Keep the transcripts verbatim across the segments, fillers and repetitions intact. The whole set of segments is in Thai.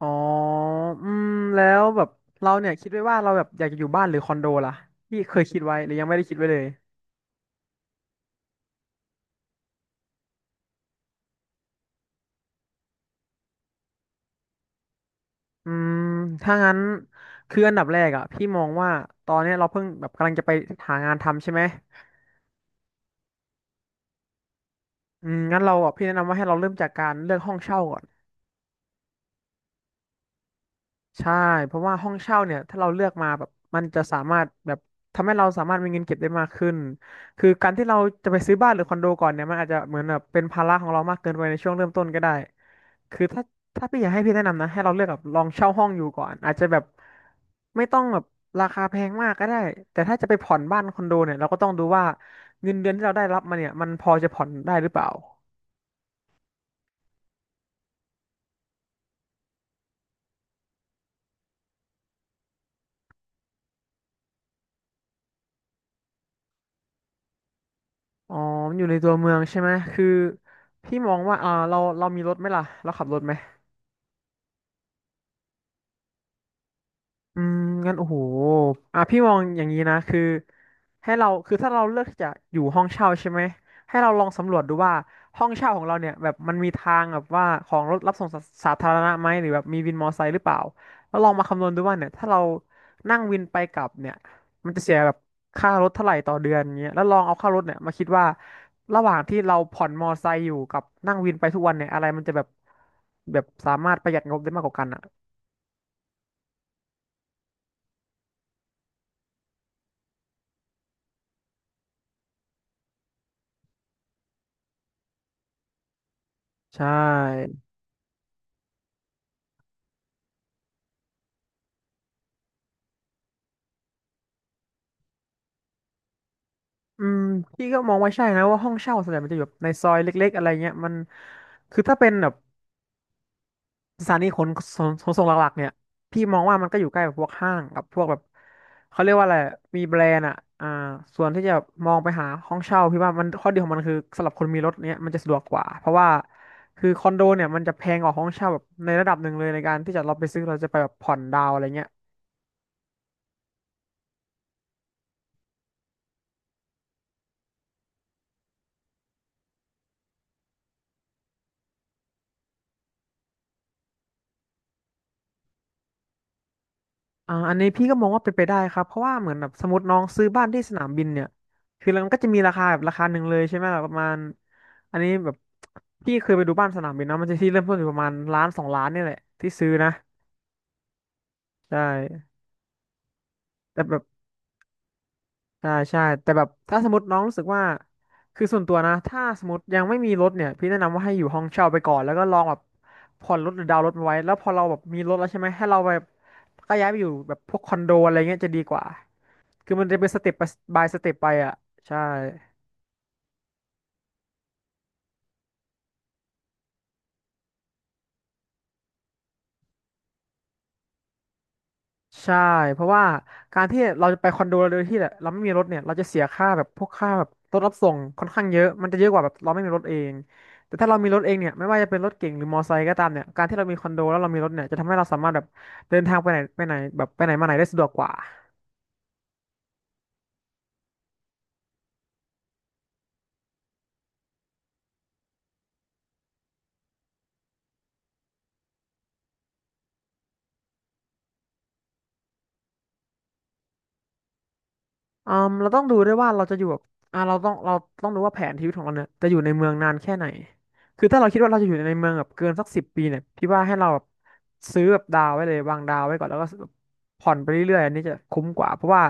อ๋ออืม แล้วแบบเราเนี่ยคิดไว้ว่าเราแบบอยากจะอยู่บ้านหรือคอนโดล่ะพี่เคยคิดไว้หรือยังไม่ได้คิดไว้เลย อืม ถ้างั้นคืออันดับแรกอ่ะพี่มองว่าตอนเนี้ยเราเพิ่งแบบกำลังจะไปหางานทำใช่ไหม อืม งั้นเราอ่ะพี่แนะนำว่าให้เราเริ่มจากการเลือกห้องเช่าก่อน ใช่เพราะว่าห้องเช่าเนี่ยถ้าเราเลือกมาแบบมันจะสามารถแบบทำให้เราสามารถมีเงินเก็บได้มากขึ้นคือการที่เราจะไปซื้อบ้านหรือคอนโดก่อนเนี่ยมันอาจจะเหมือนแบบเป็นภาระของเรามากเกินไปในช่วงเริ่มต้นก็ได้คือถ้าถ้าพี่อยากให้พี่แนะนำนะให้เราเลือกแบบลองเช่าห้องอยู่ก่อนอาจจะแบบไม่ต้องแบบราคาแพงมากก็ได้แต่ถ้าจะไปผ่อนบ้านคอนโดเนี่ยเราก็ต้องดูว่าเงินเดือนที่เราได้รับมาเนี่ยมันพอจะผ่อนได้หรือเปล่าอ๋อมันอยู่ในตัวเมืองใช่ไหมคือพี่มองว่าอ่าเราเรามีรถไหมล่ะเราขับรถไหม อืมงั้นโอ้โหอ่ะพี่มองอย่างนี้นะคือให้เราคือถ้าเราเลือกที่จะอยู่ห้องเช่าใช่ไหมให้เราลองสำรวจดูว่าห้องเช่าของเราเนี่ยแบบมันมีทางแบบว่าของรถรับส่งสาสาธารณะไหมหรือแบบมีวินมอเตอร์ไซค์หรือเปล่าแล้วลองมาคำนวณดูว่าเนี่ยถ้าเรานั่งวินไปกลับเนี่ยมันจะเสียแบบค่ารถเท่าไหร่ต่อเดือนเงี้ยแล้วลองเอาค่ารถเนี่ยมาคิดว่าระหว่างที่เราผ่อนมอเตอร์ไซค์อยู่กับนั่งวินไปทุกวันเนี่ยอะไรมันจะแบบแบบสามารถประหยัดงบได้มากกว่ากันอ่ะใช่ อืมพี่ก็มองว่าใช่นะว่าห้องเช่าส่วนใหญ่มันจะอยู่แบบในซอยเล็กๆอะไรเงี้ยมันคือถ้าเป็นแบบสถานีขนขนส่งหลักๆเนี่ยพี่มองว่ามันก็อยู่ใกล้แบบพวกห้างกับพวกแบบเขาเรียกว่าอะไรมีแบรนด์อ่ะอ่าส่วนที่จะมองไปหาห้องเช่าพี่ว่ามันข้อดีของมันคือสำหรับคนมีรถเนี่ยมันจะสะดวกกว่าเพราะว่าคือคอนโดเนี่ยมันจะแพงกว่าห้องเช่าแบบในระดับหนึ่งเลยในการที่จะเราไปซื้อเราจะไปแบบผ่อนดาวอะไรเงี้ย อ่าอันนี้พี่ก็มองว่าเป็นไปได้ครับเพราะว่าเหมือนแบบสมมติน้องซื้อบ้านที่สนามบินเนี่ยคือแล้วมันก็จะมีราคาแบบราคาหนึ่งเลยใช่ไหมล่ะประมาณอันนี้แบบพี่เคยไปดูบ้านสนามบินนะมันจะที่เริ่มต้นอยู่ประมาณล้านสองล้านเนี่ยแหละที่ซื้อนะใช่แต่แบบใช่ใช่แต่แบบถ้าสมมติน้องรู้สึกว่าคือส่วนตัวนะถ้าสมมติยังไม่มีรถเนี่ยพี่แนะนำว่าให้อยู่ห้องเช่าไปก่อนแล้วก็ลองแบบผ่อนรถหรือดาวน์รถมาไว้แล้วพอเราแบบมีรถแล้วใช่ไหมให้เราแบบก็ย้ายไปอยู่แบบพวกคอนโดอะไรเงี้ยจะดีกว่า คือมันจะเป็นสเต็ปไปบายสเต็ปไปอ่ะใช่ใช่เพราะว่าการที่เราจะไปคอนโดโดยที่เราไม่มีรถเนี่ยเราจะเสียค่าแบบพวกค่าแบบรถรับส่งค่อนข้างเยอะมันจะเยอะกว่าแบบเราไม่มีรถเองแต่ถ้าเรามีรถเองเนี่ยไม่ว่าจะเป็นรถเก๋งหรือมอไซค์ก็ตามเนี่ยการที่เรามีคอนโดแล้วเรามีรถเนี่ยจะทำให้เราสามารถแบบเดินทางไปไหนไปไหนแบบไปไหนมาไหนได้สะดวกกว่า อืมเราต้องดูด้วยว่าเราจะอยู่แบบอ่าเราต้องเราต้องดูว่าแผนชีวิตของเราเนี่ยจะอยู่ในเมืองนานแค่ไหนคือถ้าเราคิดว่าเราจะอยู่ในเมืองแบบเกินสักสิบปีเนี่ยพี่ว่าให้เราแบบซื้อแบบดาวไว้เลยวางดาวไว้ก่อนแล้วก็แบบผ่อนไปเรื่อยๆอันนี้จะคุ้มกว่าเพราะว่า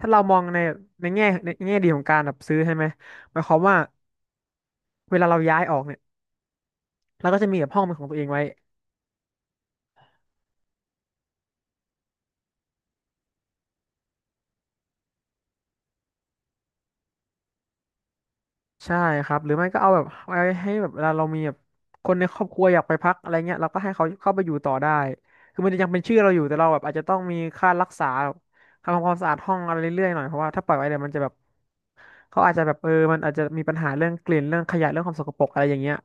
ถ้าเรามองในในแง่ในแง่ดีของการแบบซื้อใช่ไหมหมายความว่าเวลาเราย้ายออกเนี่ยเราก็จะมีแบบห้องเป็นของตัวเองไว้ ใช่ครับหรือไม่ก็เอาแบบไว้ให้แบบเวลาเรามีแบบคนในครอบครัวอยากไปพักอะไรเงี้ยเราก็ให้เขาเข้าไปอยู่ต่อได้คือมันจะยังเป็นชื่อเราอยู่แต่เราแบบอาจจะต้องมีค่ารักษาค่าทำความสะอาดห้องอะไรเรื่อยๆหน่อยเพราะว่าถ้าปล่อยไว้เดี๋ยวมันจะแบบเขาอาจจะแบบเออมันอาจจะมีปัญหาเรื่องกลิ่นเรื่องขยะเรื่องความสกปรกอะไรอย่างเงี้ย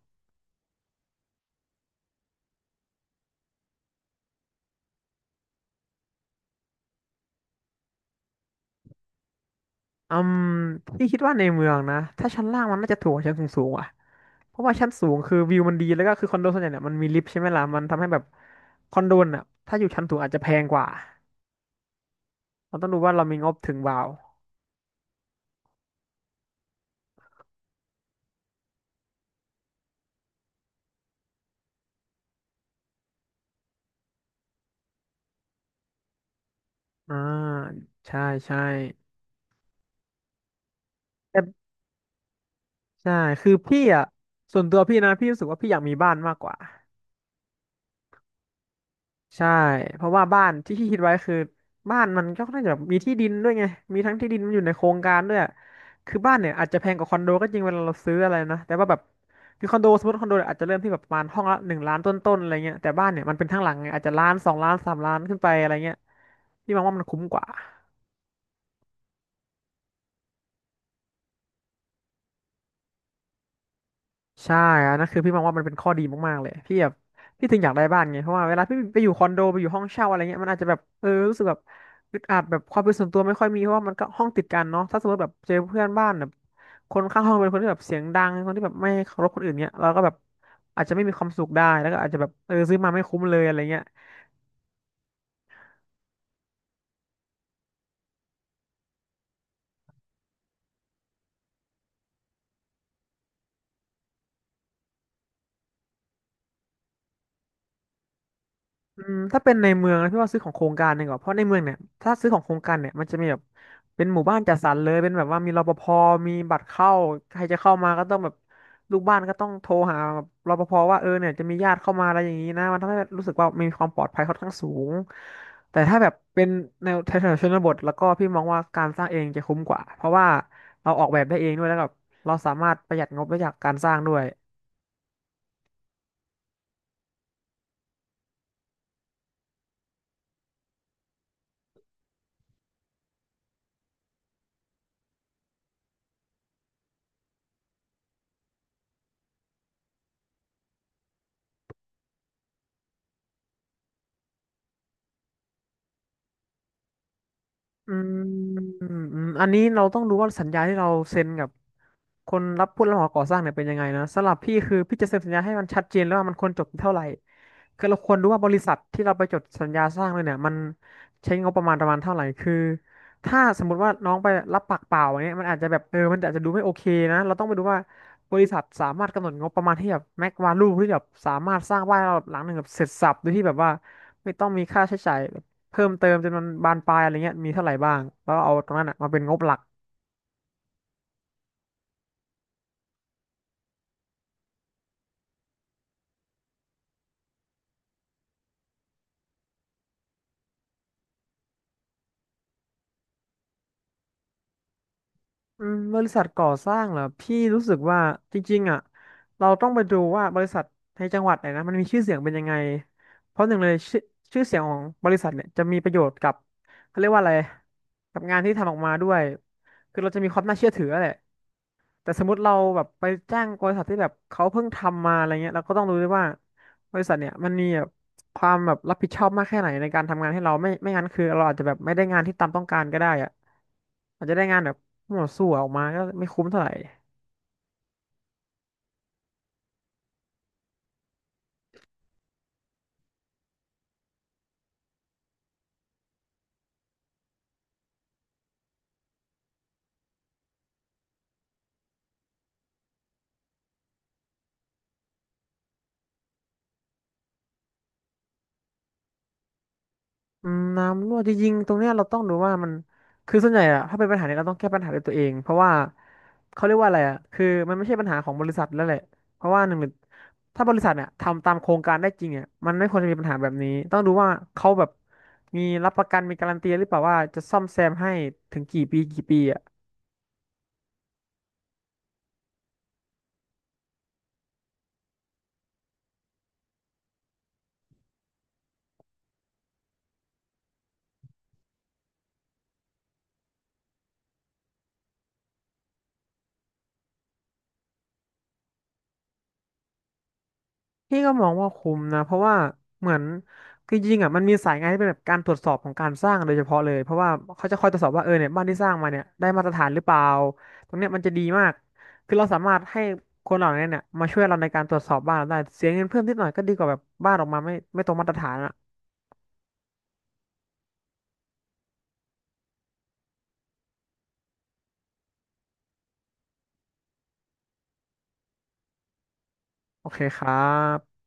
อืมพี่คิดว่าในเมืองนะถ้าชั้นล่างมันน่าจะถูกกว่าชั้นสูงๆอ่ะเพราะว่าชั้นสูงคือวิวมันดีแล้วก็คือคอนโดส่วนใหญ่เนี่ยมันมีลิฟต์ใช่ไหมล่ะมันทำให้แบบคอนโดน่ะถ้าอยู่ชั้นสูงอาจจะแพงกว่า เราต้องดูว่าเรามีงบถึงเปล่าอ่าใช่ใช่แต่ใช่คือพี่อ่ะส่วนตัวพี่นะพี่รู้สึกว่าพี่อยากมีบ้านมากกว่าใช่เพราะว่าบ้านที่พี่คิดไว้คือบ้านมันก็น่าจะแบบมีที่ดินด้วยไงมีทั้งที่ดินมันอยู่ในโครงการด้วยคือบ้านเนี่ยอาจจะแพงกว่าคอนโดก็จริงเวลาเราซื้ออะไรนะแต่ว่าแบบคือคอนโดสมมติคอนโดเนี่ยอาจจะเริ่มที่แบบประมาณห้องละหนึ่งล้านต้นๆอะไรเงี้ยแต่บ้านเนี่ยมันเป็นทั้งหลังไงอาจจะล้านสองล้านสามล้านขึ้นไปอะไรเงี้ยพี่มองว่ามันคุ้มกว่า ใช่อันนั้นคือพี่มองว่ามันเป็นข้อดีมากๆเลยพี่แบบพี่ถึงอยากได้บ้านไงเพราะว่าเวลาพี่ไปอยู่คอนโดไปอยู่ห้องเช่าอะไรเงี้ยมันอาจจะแบบเออรู้สึกแบบอึดอัดแบบความเป็นส่วนตัวไม่ค่อยมีเพราะว่ามันก็ห้องติดกันเนาะถ้าสมมติแบบเจอเพื่อนบ้านแบบคนข้างห้องเป็นคนที่แบบเสียงดังคนที่แบบไม่เคารพคนอื่นเนี้ยเราก็แบบอาจจะไม่มีความสุขได้แล้วก็อาจจะแบบเออซื้อมาไม่คุ้มเลยอะไรเงี้ย อืมถ้าเป็นในเมืองนะพี่ว่าซื้อของโครงการดีกว่าเพราะในเมืองเนี่ยถ้าซื้อของโครงการเนี่ยมันจะมีแบบเป็นหมู่บ้านจัดสรรเลยเป็นแบบว่ามีรปภมีบัตรเข้าใครจะเข้ามาก็ต้องแบบลูกบ้านก็ต้องโทรหาแบบรปภว่าเออเนี่ยจะมีญาติเข้ามาอะไรอย่างนี้นะมันทำให้รู้สึกว่ามีความปลอดภัยค่อนข้างสูงแต่ถ้าแบบเป็นแนวแถวๆชนบทแล้วก็พี่มองว่าการสร้างเองจะคุ้มกว่าเพราะว่าเราออกแบบได้เองด้วยแล้วแบบเราสามารถประหยัดงบได้จากการสร้างด้วย อืมอืมอืมอันนี้เราต้องรู้ว่าสัญญาที่เราเซ็นกับคนรับผู้รับเหมาก่อสร้างเนี่ยเป็นยังไงนะสำหรับพี่คือพี่จะเซ็นสัญญาให้มันชัดเจนแล้วว่ามันควรจบเท่าไหร่คือเราควรรู้ว่าบริษัทที่เราไปจดสัญญาสร้างเลยเนี่ยมันใช้งบประมาณประมาณเท่าไหร่คือถ้าสมมติว่าน้องไปรับปากเปล่าอย่างเงี้ยมันอาจจะแบบเออมันอาจจะดูไม่โอเคนะเราต้องไปดูว่าบริษัทสามารถกำหนดงบประมาณที่แบบแม็กวาลูที่แบบสามารถสร้างบ้านหลังหนึ่งแบบเสร็จสรรพโดยที่แบบว่าไม่ต้องมีค่าใช้จ่าย เพิ่มเติมจนมันบานปลายอะไรเงี้ยมีเท่าไหร่บ้างแล้วเอาตรงนั้นอ่ะมาเป็นงบหลักอืมบริษัทก่อสร้างเหรอพี่รู้สึกว่าจริงๆอ่ะเราต้องไปดูว่าบริษัทในจังหวัดไหนนะมันมีชื่อเสียงเป็นยังไงเพราะหนึ่งเลยชื่อชื่อเสียงของบริษัทเนี่ยจะมีประโยชน์กับเขาเรียกว่าอะไรกับงานที่ทำออกมาด้วยคือเราจะมีความน่าเชื่อถือแหละ แต่สมมติเราแบบไปจ้างบริษัทที่แบบเขาเพิ่งทำมาอะไรเงี้ยเราก็ต้องรู้ด้วยว่าบริษัทเนี่ยมันมีแบบความแบบรับผิดชอบมากแค่ไหนในการทำงานให้เราไม่ไม่งั้นคือเราอาจจะแบบไม่ได้งานที่ตามต้องการก็ได้อะอาจจะได้งานแบบมั่วซั่วออกมาก็ไม่คุ้มเท่าไหร่ อืมน้ำรั่วจริงๆตรงเนี้ยเราต้องดูว่ามันคือส่วนใหญ่อะถ้าเป็นปัญหาเนี้ยเราต้องแก้ปัญหาด้วยตัวเองเพราะว่าเขาเรียกว่าอะไรอะคือมันไม่ใช่ปัญหาของบริษัทแล้วแหละเพราะว่าหนึ่งเลยถ้าบริษัทเนี่ยทำตามโครงการได้จริงเนี่ยมันไม่ควรจะมีปัญหาแบบนี้ต้องดูว่าเขาแบบมีรับประกันมีการันตีหรือเปล่าว่าจะซ่อมแซมให้ถึงกี่ปีกี่ปีอะ พี่ก็มองว่าคุ้มนะเพราะว่าเหมือนคือจริงๆอ่ะมันมีสายงานที่เป็นแบบการตรวจสอบของการสร้างโดยเฉพาะเลยเพราะว่าเขาจะคอยตรวจสอบว่าเออเนี่ยบ้านที่สร้างมาเนี่ยได้มาตรฐานหรือเปล่าตรงเนี้ยมันจะดีมากคือเราสามารถให้คนเหล่านี้เนี่ยมาช่วยเราในการตรวจสอบบ้านเราได้เสียเงินเพิ่มนิดหน่อยก็ดีกว่าแบบบ้านออกมาไม่ไม่ตรงมาตรฐานอ่ะโอเคครับ